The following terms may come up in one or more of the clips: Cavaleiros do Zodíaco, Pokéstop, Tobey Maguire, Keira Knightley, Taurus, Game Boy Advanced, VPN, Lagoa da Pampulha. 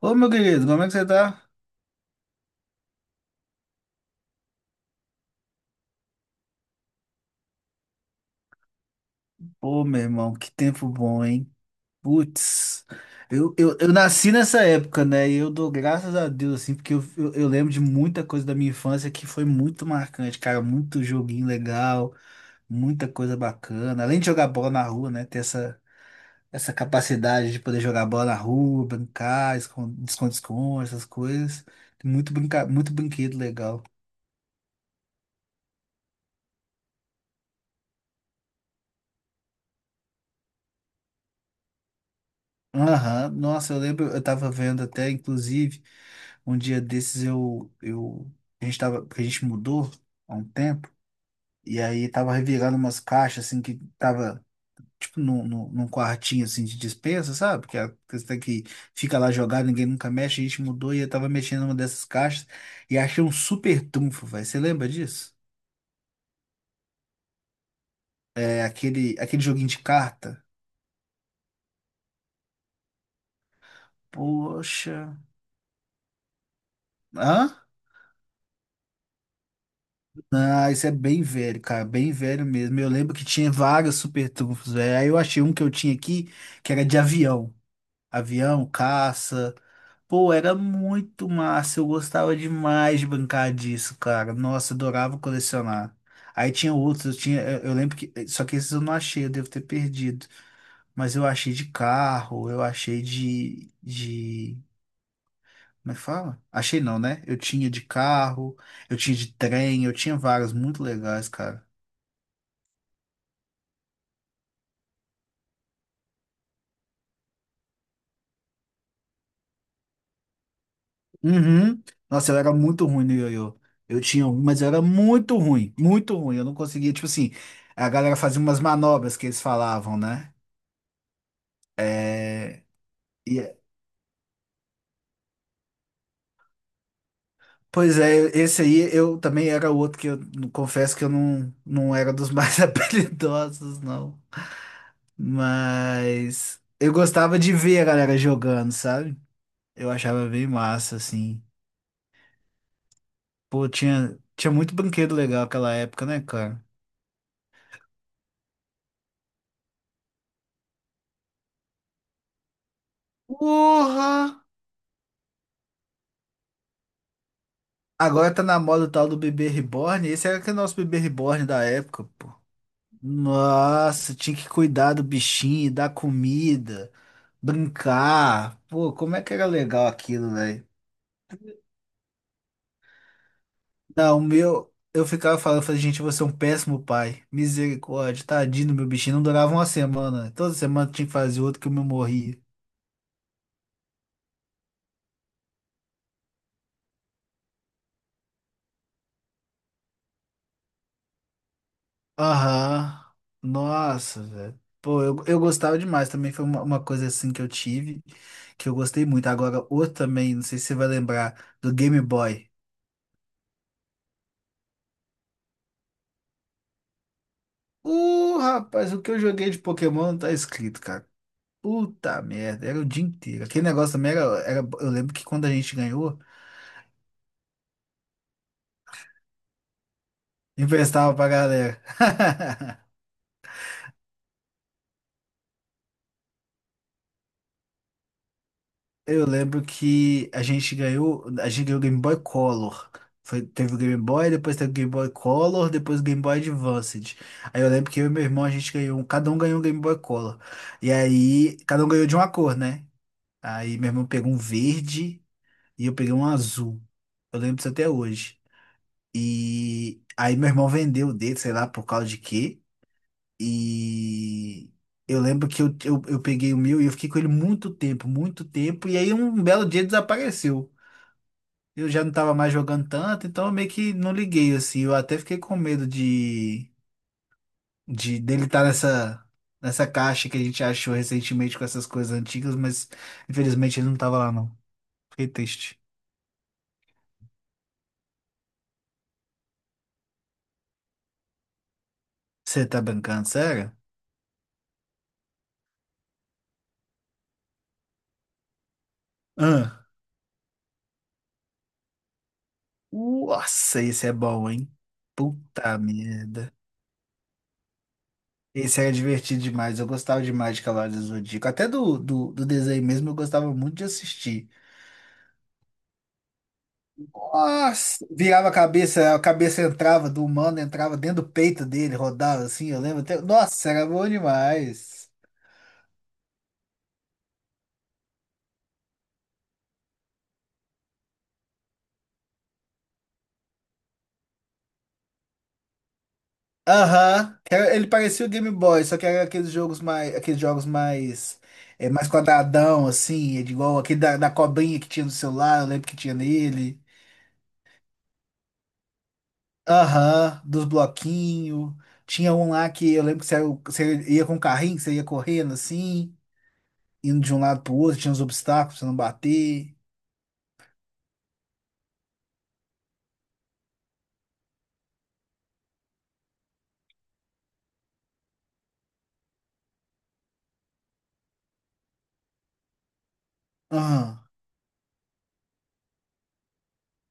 Ô, meu querido, como é que você tá? Pô, meu irmão, que tempo bom, hein? Putz, eu nasci nessa época, né? E eu dou graças a Deus, assim, porque eu lembro de muita coisa da minha infância que foi muito marcante, cara. Muito joguinho legal, muita coisa bacana. Além de jogar bola na rua, né? Ter essa capacidade de poder jogar bola na rua, brincar, esconde-esconde, essas coisas. Muito, brinca, muito brinquedo legal. Aham, nossa, eu lembro, eu tava vendo até, inclusive, um dia desses a gente tava, porque a gente mudou há um tempo, e aí tava revirando umas caixas, assim, que tava, tipo, num quartinho, assim, de despensa, sabe? Que é, a questão é que fica lá jogada, ninguém nunca mexe, a gente mudou e eu tava mexendo numa dessas caixas e achei um super trunfo, velho. Você lembra disso? É aquele joguinho de carta. Poxa. Hã? Ah, isso é bem velho, cara, bem velho mesmo. Eu lembro que tinha vários super trunfos, velho. Aí eu achei um que eu tinha aqui, que era de avião. Avião, caça. Pô, era muito massa. Eu gostava demais de brincar disso, cara. Nossa, adorava colecionar. Aí tinha outros, eu tinha, eu lembro que, só que esses eu não achei, eu devo ter perdido. Mas eu achei de carro, eu achei como é que fala? Achei não, né? Eu tinha de carro, eu tinha de trem, eu tinha vários muito legais, cara. Uhum. Nossa, eu era muito ruim no ioiô. Eu tinha um, mas eu era muito ruim, muito ruim. Eu não conseguia, tipo assim, a galera fazia umas manobras que eles falavam, né? E, pois é, esse aí eu também era outro que eu não- confesso que eu não, não era dos mais habilidosos, não. Mas eu gostava de ver a galera jogando, sabe? Eu achava bem massa, assim. Pô, tinha muito brinquedo legal aquela época, né, cara? Porra! Agora tá na moda o tal do bebê reborn. Esse era aquele nosso bebê reborn da época, pô. Nossa, tinha que cuidar do bichinho, dar comida, brincar. Pô, como é que era legal aquilo, velho? Não, o meu, eu ficava falando, eu falei, gente, você é um péssimo pai. Misericórdia, tadinho do meu bichinho. Não durava uma semana. Toda semana tinha que fazer outro que o meu morria. Aham. Nossa, velho. Pô, eu gostava demais. Também foi uma coisa assim que eu tive, que eu gostei muito. Agora, outro também, não sei se você vai lembrar, do Game Boy. Rapaz, o que eu joguei de Pokémon não tá escrito, cara. Puta merda, era o dia inteiro. Aquele negócio também era. Eu lembro que quando a gente ganhou, emprestava pra galera. Eu lembro que a gente ganhou o Game Boy Color. Foi, teve o Game Boy, depois teve o Game Boy Color, depois o Game Boy Advanced. Aí eu lembro que eu e meu irmão a gente ganhou, cada um ganhou um Game Boy Color. E aí, cada um ganhou de uma cor, né? Aí meu irmão pegou um verde e eu peguei um azul. Eu lembro disso até hoje. E aí meu irmão vendeu o dele, sei lá, por causa de quê. E eu lembro que eu peguei o meu e eu fiquei com ele muito tempo, muito tempo. E aí um belo dia desapareceu. Eu já não tava mais jogando tanto, então eu meio que não liguei, assim. Eu até fiquei com medo de dele estar nessa caixa que a gente achou recentemente com essas coisas antigas, mas infelizmente ele não tava lá, não. Fiquei triste. Você tá brincando, sério? Ah. Nossa, esse é bom, hein? Puta merda. Esse era divertido demais. Eu gostava demais de Cavaleiros do Zodíaco. Até do desenho mesmo, eu gostava muito de assistir. Nossa, virava a cabeça entrava do humano, entrava dentro do peito dele, rodava assim, eu lembro até. Nossa, era bom demais. Aham. Era- ele parecia o Game Boy, só que era aqueles jogos mais, é, mais quadradão, assim, igual aquele da cobrinha que tinha no celular, eu lembro que tinha nele. Aham, dos bloquinhos. Tinha um lá que eu lembro que você ia com o carrinho, que você ia correndo assim, indo de um lado pro outro, tinha uns obstáculos pra você não bater. Aham.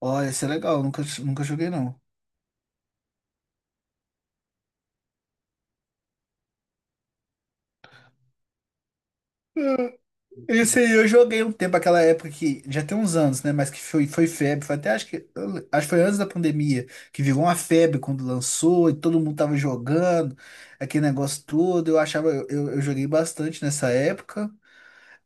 Olha, isso é legal, nunca joguei não. Isso aí, eu joguei um tempo, aquela época que já tem uns anos, né? Mas que foi febre. Foi até acho que, acho que foi antes da pandemia, que virou uma febre quando lançou e todo mundo tava jogando, aquele negócio todo. Eu achava, eu joguei bastante nessa época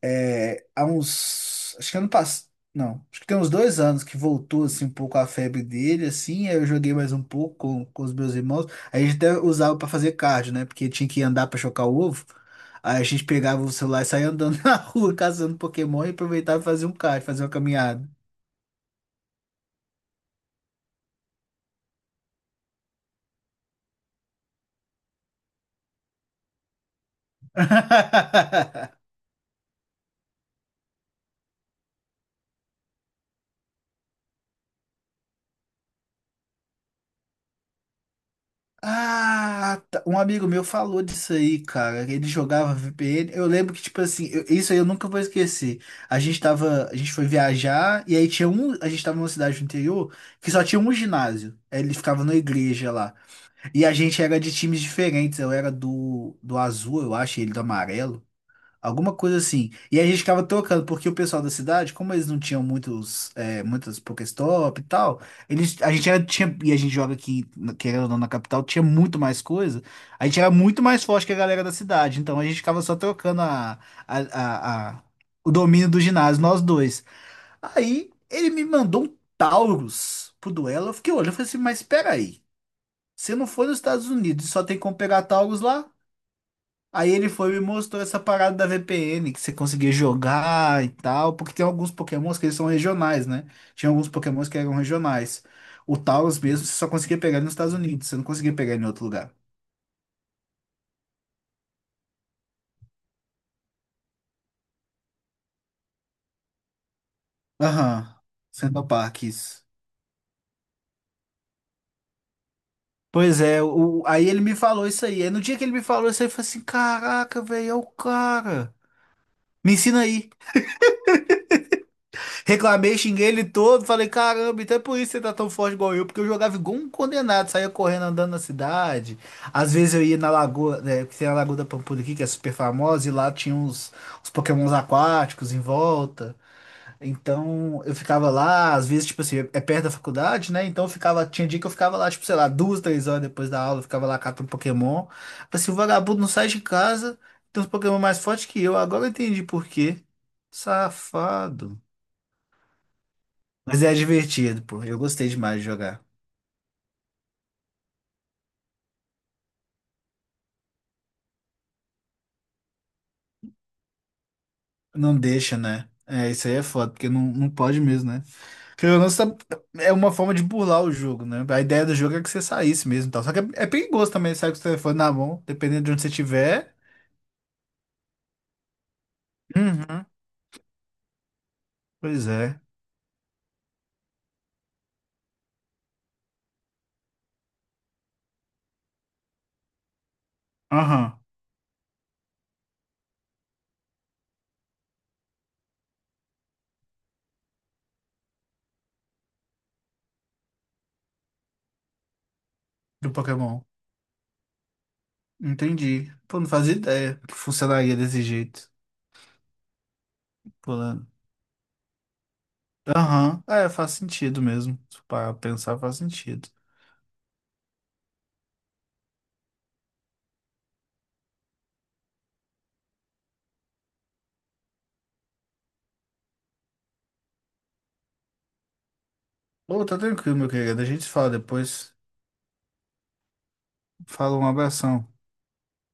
é, há uns, acho que ano passado, não, acho que tem uns dois anos que voltou assim um pouco a febre dele, assim, aí eu joguei mais um pouco com os meus irmãos, aí a gente até usava pra fazer cardio, né, porque tinha que andar pra chocar o ovo, aí a gente pegava o celular e saía andando na rua caçando Pokémon e aproveitava e fazia um cardio, fazia uma caminhada. Ah, tá. Um amigo meu falou disso aí, cara. Ele jogava VPN. Eu lembro que, tipo assim, isso aí eu nunca vou esquecer. A gente foi viajar e aí a gente tava numa cidade do interior que só tinha um ginásio. Aí ele ficava na igreja lá. E a gente era de times diferentes. Eu era do azul, eu acho, e ele do amarelo. Alguma coisa assim. E aí a gente ficava tocando, porque o pessoal da cidade, como eles não tinham muitos, é, muitas Pokéstop e tal, eles, a gente era, tinha, e a gente joga aqui, querendo ou não, na capital, tinha muito mais coisa. A gente era muito mais forte que a galera da cidade. Então a gente ficava só trocando a, a, a- o domínio do ginásio, nós dois. Aí ele me mandou um Taurus pro duelo. Eu fiquei olhando, eu falei assim, mas peraí, você não foi nos Estados Unidos e só tem como pegar Taurus lá? Aí ele foi e me mostrou essa parada da VPN, que você conseguia jogar e tal, porque tem alguns Pokémons que eles são regionais, né? Tinha alguns Pokémons que eram regionais. O Tauros mesmo, você só conseguia pegar ele nos Estados Unidos, você não conseguia pegar ele em outro lugar. Aham, Central Park, isso. Pois é, o, aí ele me falou isso aí. Aí no dia que ele me falou isso aí, eu falei assim, caraca, velho, é o cara. Me ensina aí. Reclamei, xinguei ele todo, falei, caramba, então é por isso que você tá tão forte igual eu, porque eu jogava igual um condenado, saía correndo andando na cidade. Às vezes eu ia na lagoa, né, que tem a Lagoa da Pampulha aqui, que é super famosa, e lá tinha uns Pokémons aquáticos em volta. Então eu ficava lá, às vezes, tipo assim, é perto da faculdade, né? Então eu ficava, tinha dia que eu ficava lá, tipo, sei lá, 2, 3 horas depois da aula, eu ficava lá catando Pokémon. Falei assim, o vagabundo não sai de casa, tem uns Pokémon mais fortes que eu, agora eu entendi por quê. Safado. Mas é divertido, pô. Eu gostei demais de jogar. Não deixa, né? É, isso aí é foda, porque não pode mesmo, né? Porque é uma forma de burlar o jogo, né? A ideia do jogo é que você saísse mesmo e tal. Só que é perigoso também, sair com o telefone na mão, dependendo de onde você estiver. Uhum. Pois é. Aham. Do Pokémon. Entendi. Pô, não fazia ideia que funcionaria desse jeito. Pulando. Aham. É, faz sentido mesmo. Para pensar, faz sentido. Pô, tá tranquilo, meu querido. A gente se fala depois. Fala um abração.